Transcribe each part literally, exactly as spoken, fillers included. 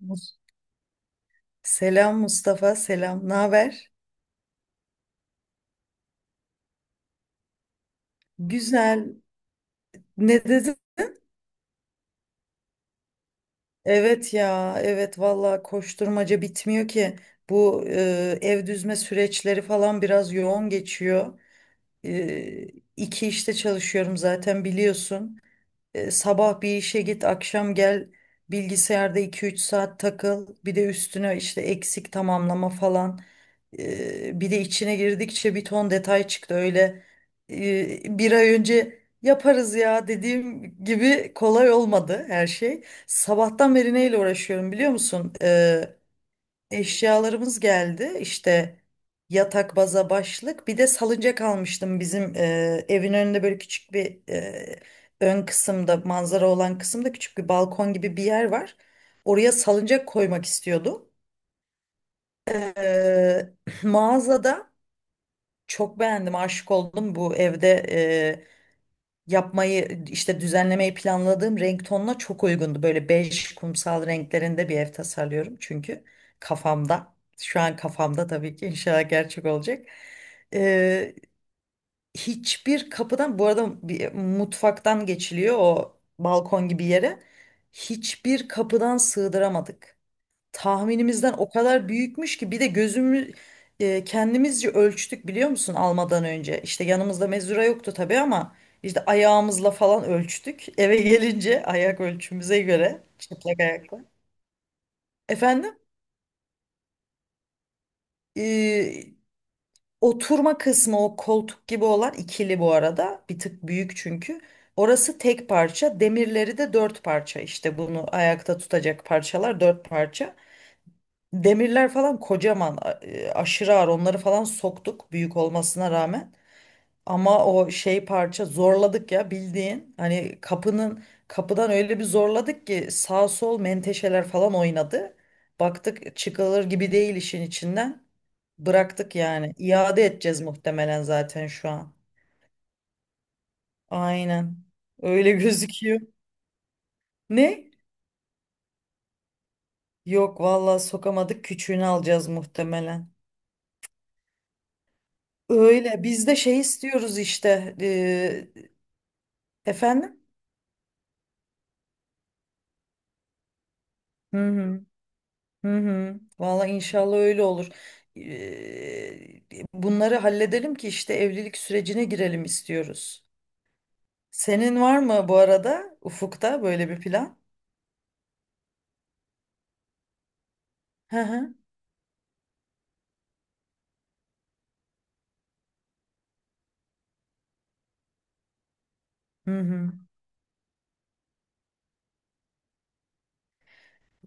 Mus- Selam Mustafa, selam. Ne haber? Güzel. Ne dedin? Evet ya, evet valla koşturmaca bitmiyor ki. Bu e, ev düzme süreçleri falan biraz yoğun geçiyor. E, iki işte çalışıyorum zaten biliyorsun. E, sabah bir işe git, akşam gel. Bilgisayarda iki üç saat takıl. Bir de üstüne işte eksik tamamlama falan. Ee, bir de içine girdikçe bir ton detay çıktı öyle e, bir ay önce yaparız ya dediğim gibi kolay olmadı her şey. Sabahtan beri neyle uğraşıyorum biliyor musun? Ee, eşyalarımız geldi işte yatak baza başlık bir de salıncak almıştım bizim e, evin önünde böyle küçük bir e, ön kısımda manzara olan kısımda küçük bir balkon gibi bir yer var. Oraya salıncak koymak istiyordum. Ee, Mağazada çok beğendim, aşık oldum. Bu evde e, yapmayı işte düzenlemeyi planladığım renk tonuna çok uygundu. Böyle bej kumsal renklerinde bir ev tasarlıyorum çünkü kafamda. Şu an kafamda tabii ki inşallah gerçek olacak. E, Hiçbir kapıdan bu arada bir mutfaktan geçiliyor o balkon gibi yere. Hiçbir kapıdan sığdıramadık tahminimizden o kadar büyükmüş ki bir de gözümü e, kendimizce ölçtük biliyor musun almadan önce. İşte yanımızda mezura yoktu tabii ama işte ayağımızla falan ölçtük. Eve gelince ayak ölçümüze göre çıplak ayakla. Efendim e, oturma kısmı o koltuk gibi olan ikili bu arada bir tık büyük çünkü. Orası tek parça demirleri de dört parça işte bunu ayakta tutacak parçalar dört parça. Demirler falan kocaman, a- e, aşırı ağır. Onları falan soktuk büyük olmasına rağmen. Ama o şey parça zorladık ya bildiğin. Hani kapının kapıdan öyle bir zorladık ki sağ sol menteşeler falan oynadı. Baktık çıkılır gibi değil işin içinden. Bıraktık yani. İade edeceğiz muhtemelen zaten şu an. Aynen. Öyle gözüküyor. Ne? Yok vallahi sokamadık. Küçüğünü alacağız muhtemelen. Öyle biz de şey istiyoruz işte. Efendim? Hı hı. Hı hı. Valla inşallah öyle olur. Eee, Bunları halledelim ki işte evlilik sürecine girelim istiyoruz. Senin var mı bu arada ufukta böyle bir plan? Hı hı. Hı hı.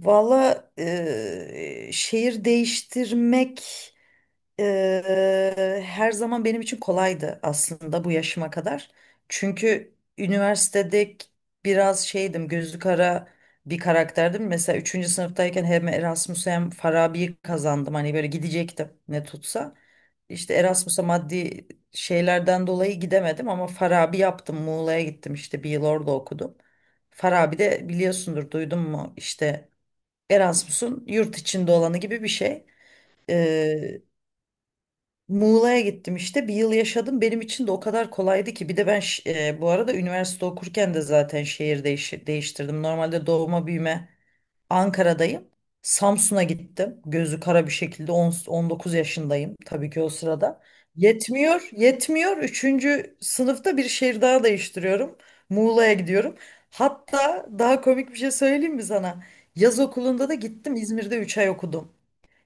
Valla eee, şehir değiştirmek Eee, her zaman benim için kolaydı aslında bu yaşıma kadar. Çünkü üniversitede biraz şeydim, gözü kara bir karakterdim. Mesela üçüncü sınıftayken hem Erasmus hem Farabi'yi kazandım. Hani böyle gidecektim ne tutsa. İşte Erasmus'a maddi şeylerden dolayı gidemedim ama Farabi yaptım. Muğla'ya gittim işte bir yıl orada okudum. Farabi de biliyorsundur duydun mu işte Erasmus'un yurt içinde olanı gibi bir şey. Muğla'ya gittim işte bir yıl yaşadım benim için de o kadar kolaydı ki bir de ben ş- e, bu arada üniversite okurken de zaten şehir değiş- değiştirdim normalde doğma büyüme Ankara'dayım, Samsun'a gittim gözü kara bir şekilde on- 19 yaşındayım tabii ki o sırada yetmiyor yetmiyor üçüncü sınıfta bir şehir daha değiştiriyorum Muğla'ya gidiyorum hatta daha komik bir şey söyleyeyim mi sana yaz okulunda da gittim İzmir'de üç ay okudum.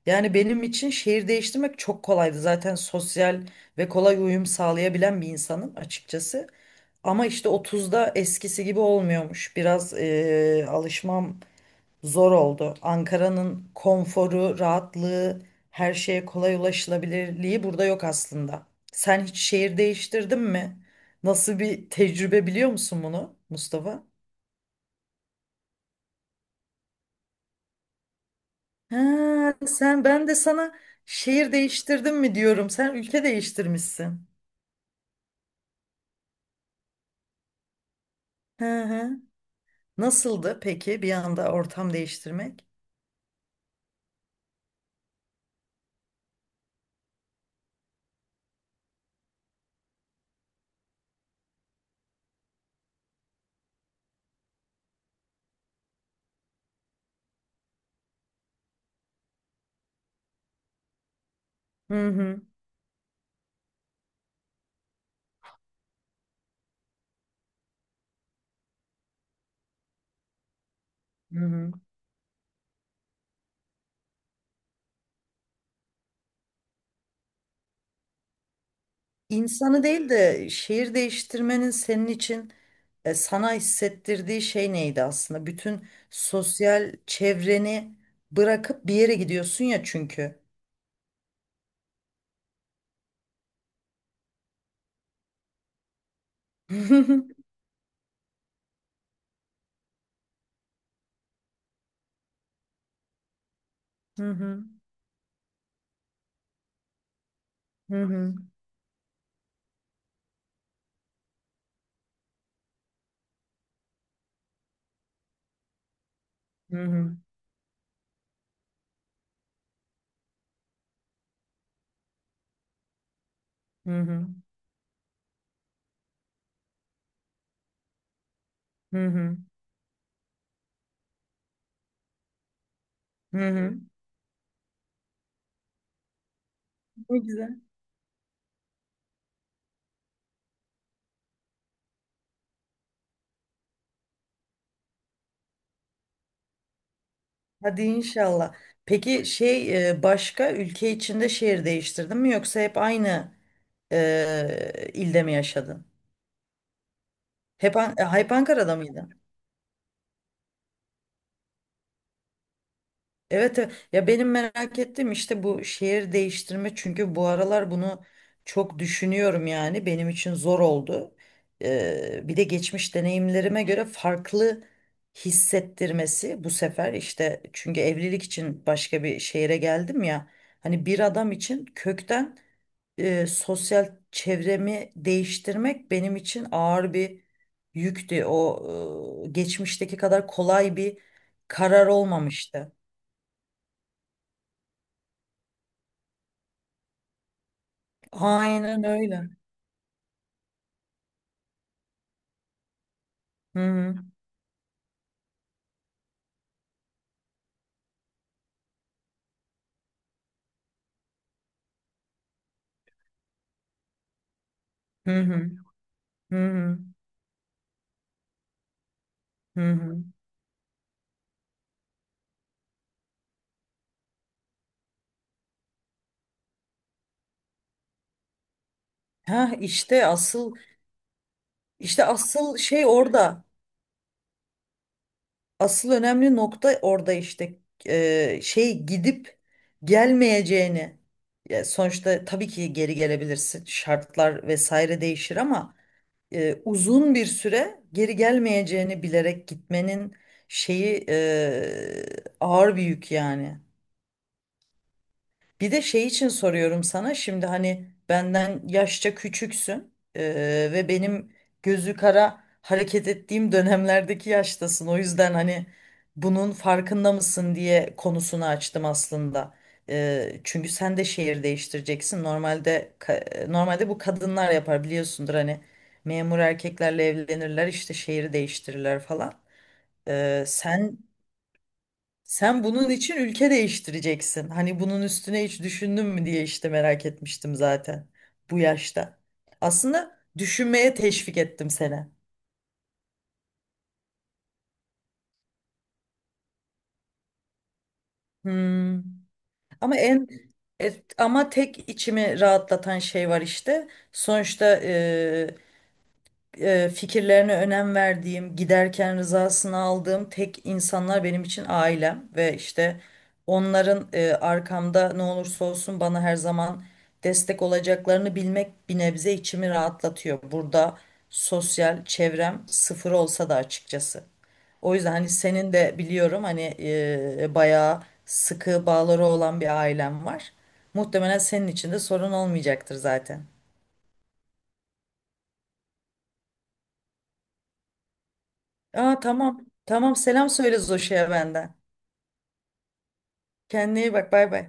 Yani benim için şehir değiştirmek çok kolaydı. Zaten sosyal ve kolay uyum sağlayabilen bir insanım açıkçası. Ama işte otuzda eskisi gibi olmuyormuş. Biraz eee, alışmam zor oldu. Ankara'nın konforu, rahatlığı, her şeye kolay ulaşılabilirliği burada yok aslında. Sen hiç şehir değiştirdin mi? Nasıl bir tecrübe biliyor musun bunu Mustafa? Ha, sen ben de sana şehir değiştirdim mi diyorum. Sen ülke değiştirmişsin. Hı hı. Nasıldı peki bir anda ortam değiştirmek? Hı hı. Hı hı. İnsanı değil de şehir değiştirmenin senin için e, sana hissettirdiği şey neydi aslında? Bütün sosyal çevreni bırakıp bir yere gidiyorsun ya çünkü. Hı hı. Hı hı. Hı hı. Hı hı. Hı hı. Hı hı. Ne güzel. Hadi inşallah. Peki şey e, başka ülke içinde şehir değiştirdin mi yoksa hep aynı e, ilde mi yaşadın? Hep, An- e, hep Ankara'da mıydın? Evet, evet. Ya benim merak ettiğim işte bu şehir değiştirme çünkü bu aralar bunu çok düşünüyorum yani benim için zor oldu. E, bir de geçmiş deneyimlerime göre farklı hissettirmesi bu sefer işte çünkü evlilik için başka bir şehre geldim ya hani bir adam için kökten e, sosyal çevremi değiştirmek benim için ağır bir yüktü. O e, geçmişteki kadar kolay bir karar olmamıştı. Aynen öyle. Hı hı hı hı hı hı. Hı. Hı. Ha işte asıl işte asıl şey orada. Asıl önemli nokta orada işte. E, şey gidip gelmeyeceğini. Ya sonuçta tabii ki geri gelebilirsin. Şartlar vesaire değişir ama e, uzun bir süre geri gelmeyeceğini bilerek gitmenin şeyi e, ağır bir yük yani. Bir de şey için soruyorum sana şimdi hani benden yaşça küçüksün eee, ve benim gözü kara hareket ettiğim dönemlerdeki yaştasın. O yüzden hani bunun farkında mısın diye konusunu açtım aslında. Eee, çünkü sen de şehir değiştireceksin. Normalde ka- normalde bu kadınlar yapar biliyorsundur hani memur erkeklerle evlenirler işte şehri değiştirirler falan. Eee, sen sen bunun için ülke değiştireceksin. Hani bunun üstüne hiç düşündün mü diye işte merak etmiştim zaten bu yaşta. Aslında düşünmeye teşvik ettim seni. Hmm. Ama en e, ama tek içimi rahatlatan şey var işte. Sonuçta e, fikirlerine önem verdiğim, giderken rızasını aldığım tek insanlar benim için ailem ve işte onların e, arkamda ne olursa olsun bana her zaman destek olacaklarını bilmek bir nebze içimi rahatlatıyor. Burada sosyal çevrem sıfır olsa da açıkçası. O yüzden hani senin de biliyorum hani e, bayağı sıkı bağları olan bir ailen var. Muhtemelen senin için de sorun olmayacaktır zaten. Aa tamam. Tamam selam söyle Zoş'a benden. Kendine iyi bak bay bay.